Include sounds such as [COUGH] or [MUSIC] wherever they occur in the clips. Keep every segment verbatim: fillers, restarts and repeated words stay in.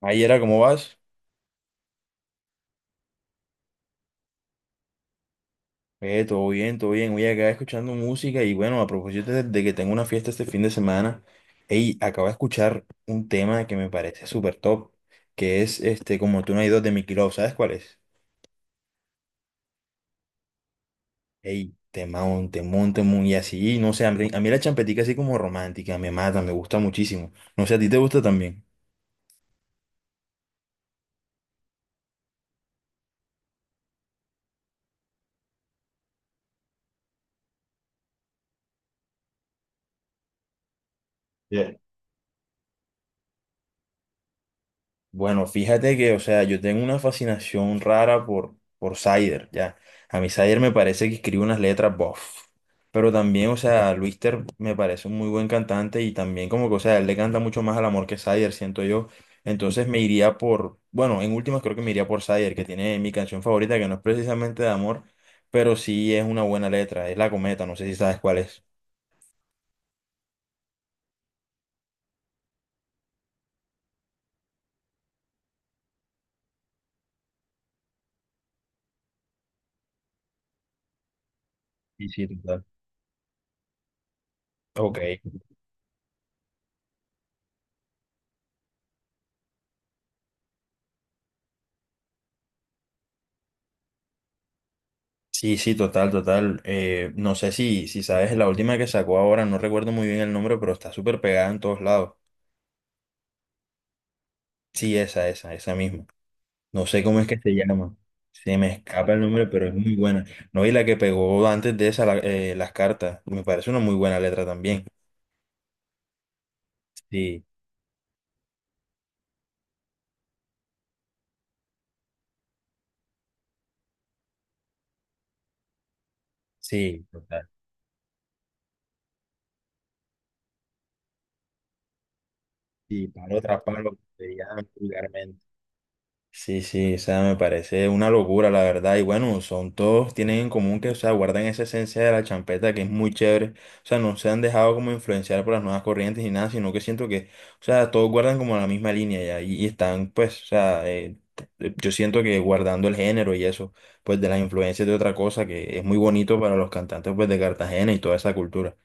Ahí era, ¿cómo vas? Eh, todo bien, todo bien. Oye, acá escuchando música y bueno, a propósito de, de que tengo una fiesta este fin de semana, ey, acabo de escuchar un tema que me parece súper top, que es este, como tú no hay dos de Mickey Love, ¿sabes cuál es? Ey, temón, temón, temón, y así, no sé, a mí, a mí la champetica así como romántica, me mata, me gusta muchísimo. No sé, ¿a ti te gusta también? Bueno, fíjate que, o sea, yo tengo una fascinación rara por, por Sider, ya. A mí Sider me parece que escribe unas letras, bof. Pero también, o sea, Luis Ter me parece un muy buen cantante y también como que, o sea, él le canta mucho más al amor que Sider, siento yo. Entonces me iría por, bueno, en últimas creo que me iría por Sider, que tiene mi canción favorita, que no es precisamente de amor, pero sí es una buena letra, es La Cometa, no sé si sabes cuál es. Sí, sí, total. Ok. Sí, sí, total, total. Eh, no sé si, si sabes, la última que sacó ahora, no recuerdo muy bien el nombre, pero está súper pegada en todos lados. Sí, esa, esa, esa misma. No sé cómo es que se llama. Se me escapa el nombre, pero es muy buena. No, y la que pegó antes de esa, la- eh, las cartas, me parece una muy buena letra también. Sí, sí, total. Sí, para otra palo, que se llama vulgarmente. Sí, sí, o sea, me parece una locura, la verdad. Y bueno, son todos, tienen en común que, o sea, guardan esa esencia de la champeta que es muy chévere. O sea, no se han dejado como influenciar por las nuevas corrientes ni nada, sino que siento que, o sea, todos guardan como la misma línea ya. Y, y están, pues, o sea, eh, t- yo siento que guardando el género y eso, pues, de las influencias de otra cosa que es muy bonito para los cantantes, pues, de Cartagena y toda esa cultura.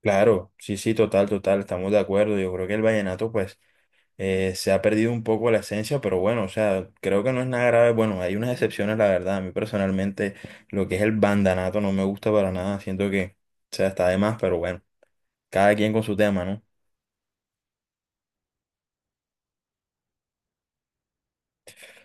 Claro, sí, sí, total, total, estamos de acuerdo. Yo creo que el vallenato, pues. eh, se ha perdido un poco la esencia, pero bueno, o sea, creo que no es nada grave. Bueno, hay unas excepciones, la verdad. A mí personalmente lo que es el bandanato no me gusta para nada. Siento que, o sea, está de más, pero bueno, cada quien con su tema, ¿no?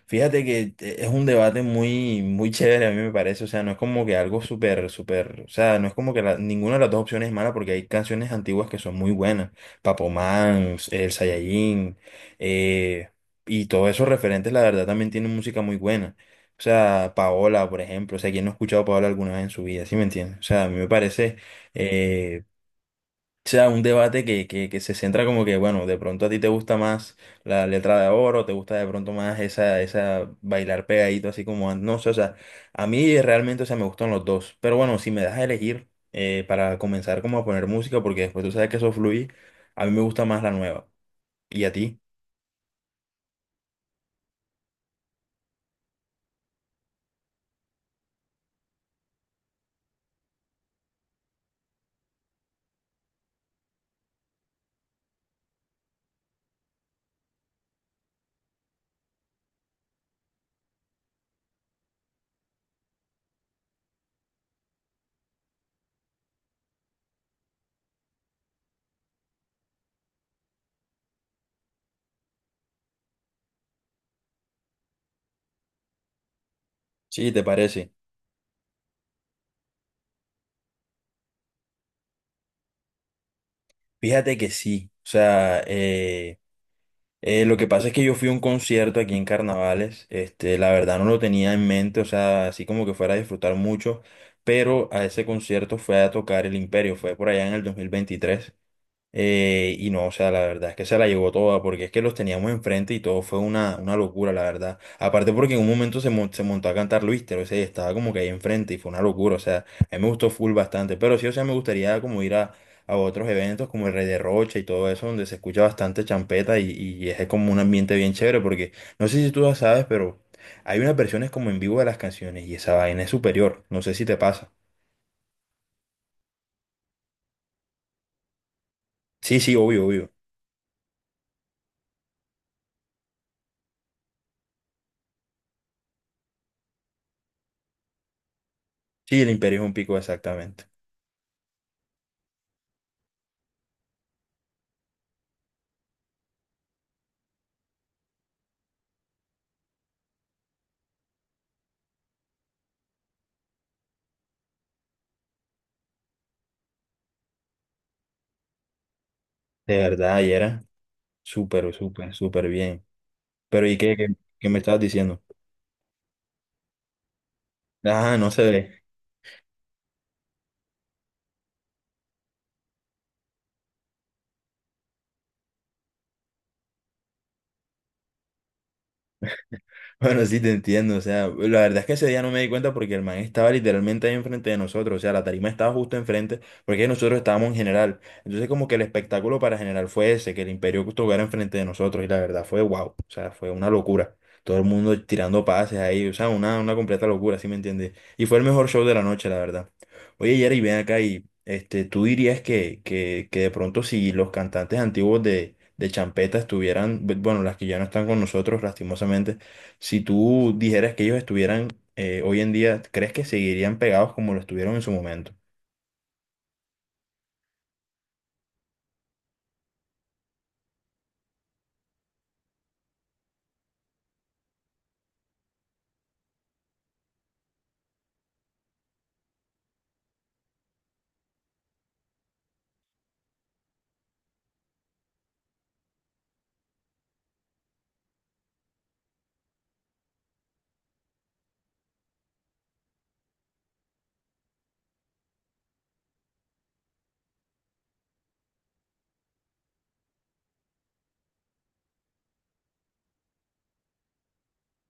Fíjate que eh, es un debate muy, muy chévere, a mí me parece. O sea, no es como que algo súper, súper. O sea, no es como que la- ninguna de las dos opciones es mala porque hay canciones antiguas que son muy buenas. Papomán, El Saiyajin, eh, y todos esos referentes, la verdad, también tienen música muy buena. O sea, Paola, por ejemplo. O sea, ¿quién no ha escuchado a Paola alguna vez en su vida? ¿Sí me entiendes? O sea, a mí me parece. eh, o sea, un debate que, que, que se centra como que, bueno, de pronto a ti te gusta más la letra de oro, te gusta de pronto más esa, esa bailar pegadito, así como, an- no sé, o sea, a mí realmente, o sea, me gustan los dos, pero bueno, si me das a elegir eh, para comenzar como a poner música, porque después tú sabes que eso fluye, a mí me gusta más la nueva. ¿Y a ti? Sí, ¿te parece? Fíjate que sí, o sea, eh, Eh, lo que pasa es que yo fui a un concierto aquí en Carnavales, este, la verdad no lo tenía en mente, o sea, así como que fuera a disfrutar mucho, pero a ese concierto fue a tocar el Imperio, fue por allá en el dos mil veintitrés. Eh, y no, o sea, la verdad es que se la llevó toda, porque es que los teníamos enfrente y todo fue una, una locura, la verdad. Aparte porque en un momento se, mon- se montó a cantar Luis, pero ese estaba como que ahí enfrente y fue una locura, o sea, a mí me gustó full bastante, pero sí, o sea, me gustaría como ir a, a otros eventos como el Rey de Rocha y todo eso, donde se escucha bastante champeta y, y es como un ambiente bien chévere, porque no sé si tú lo sabes, pero hay unas versiones como en vivo de las canciones y esa vaina es superior, no sé si te pasa. Sí, sí, obvio, obvio. Sí, el Imperio es un pico exactamente. De verdad, y era. Súper, súper, súper bien. Pero ¿y qué, qué, qué me estabas diciendo? Ah, no sé. [LAUGHS] Bueno, sí, te entiendo. O sea, la verdad es que ese día no me di cuenta porque el man estaba literalmente ahí enfrente de nosotros. O sea, la tarima estaba justo enfrente porque nosotros estábamos en general. Entonces, como que el espectáculo para general fue ese, que el Imperio estuviera enfrente de nosotros. Y la verdad fue wow. O sea, fue una locura. Todo el mundo tirando pases ahí. O sea, una, una completa locura, ¿sí me entiendes? Y fue el mejor show de la noche, la verdad. Oye, Jerry, ven acá y este, tú dirías que, que, que de pronto si los cantantes antiguos de, de Champeta estuvieran, bueno, las que ya no están con nosotros, lastimosamente si tú dijeras que ellos estuvieran eh, hoy en día, ¿crees que seguirían pegados como lo estuvieron en su momento?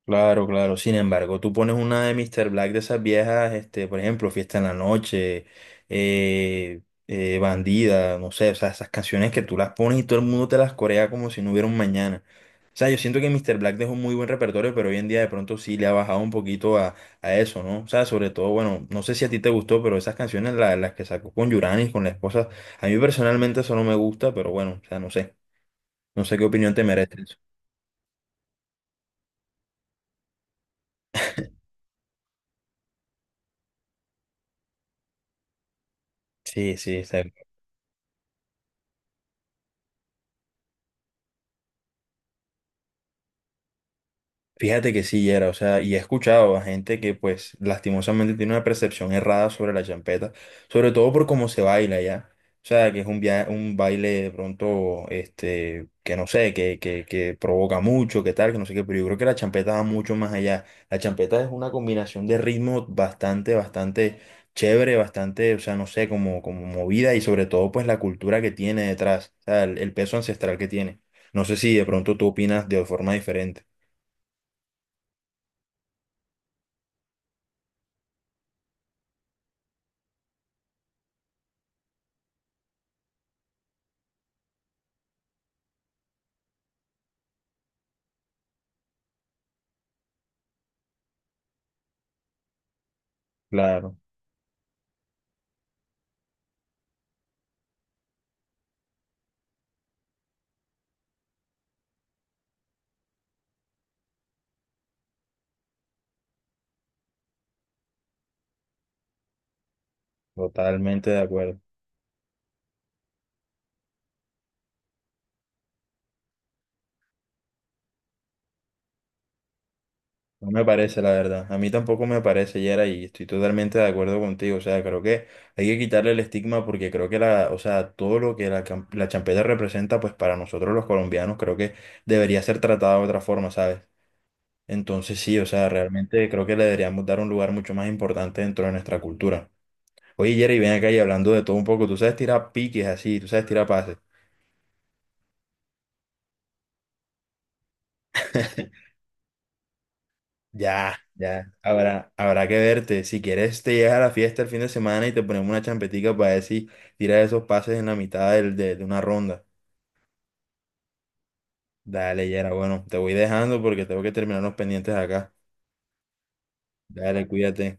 Claro, claro. Sin embargo, tú pones una de míster Black de esas viejas, este, por ejemplo, Fiesta en la Noche, eh, eh, Bandida, no sé, o sea, esas canciones que tú las pones y todo el mundo te las corea como si no hubiera un mañana. O sea, yo siento que míster Black dejó un muy buen repertorio, pero hoy en día de pronto sí le ha bajado un poquito a, a eso, ¿no? O sea, sobre todo, bueno, no sé si a ti te gustó, pero esas canciones, la- las que sacó con Yuranis, con la esposa, a mí personalmente eso no me gusta, pero bueno, o sea, no sé. No sé qué opinión te merece eso. Sí, sí, está. Fíjate que sí, era, o sea, y he escuchado a gente que pues lastimosamente tiene una percepción errada sobre la champeta, sobre todo por cómo se baila ya. O sea, que es un, via- un baile de pronto, este, que no sé, que, que, que provoca mucho, que tal, que no sé qué, pero yo creo que la champeta va mucho más allá. La champeta es una combinación de ritmos bastante, bastante chévere, bastante, o sea, no sé, como, como movida y sobre todo pues la cultura que tiene detrás, o sea, el el peso ancestral que tiene. No sé si de pronto tú opinas de forma diferente. Claro. Totalmente de acuerdo. No me parece, la verdad. A mí tampoco me parece, Yera, y estoy totalmente de acuerdo contigo. O sea, creo que hay que quitarle el estigma porque creo que la, o sea, todo lo que la, cam- la champeta representa, pues para nosotros los colombianos, creo que debería ser tratada de otra forma, ¿sabes? Entonces sí, o sea, realmente creo que le deberíamos dar un lugar mucho más importante dentro de nuestra cultura. Oye, Yera, y ven acá y hablando de todo un poco, tú sabes tirar piques así, tú sabes tirar pases. [LAUGHS] Ya, ya. Habrá, habrá que verte. Si quieres, te llegas a la fiesta el fin de semana y te ponemos una champetica para ver si tiras esos pases en la mitad del- de, de una ronda. Dale, Yera. Bueno, te voy dejando porque tengo que terminar los pendientes acá. Dale, cuídate.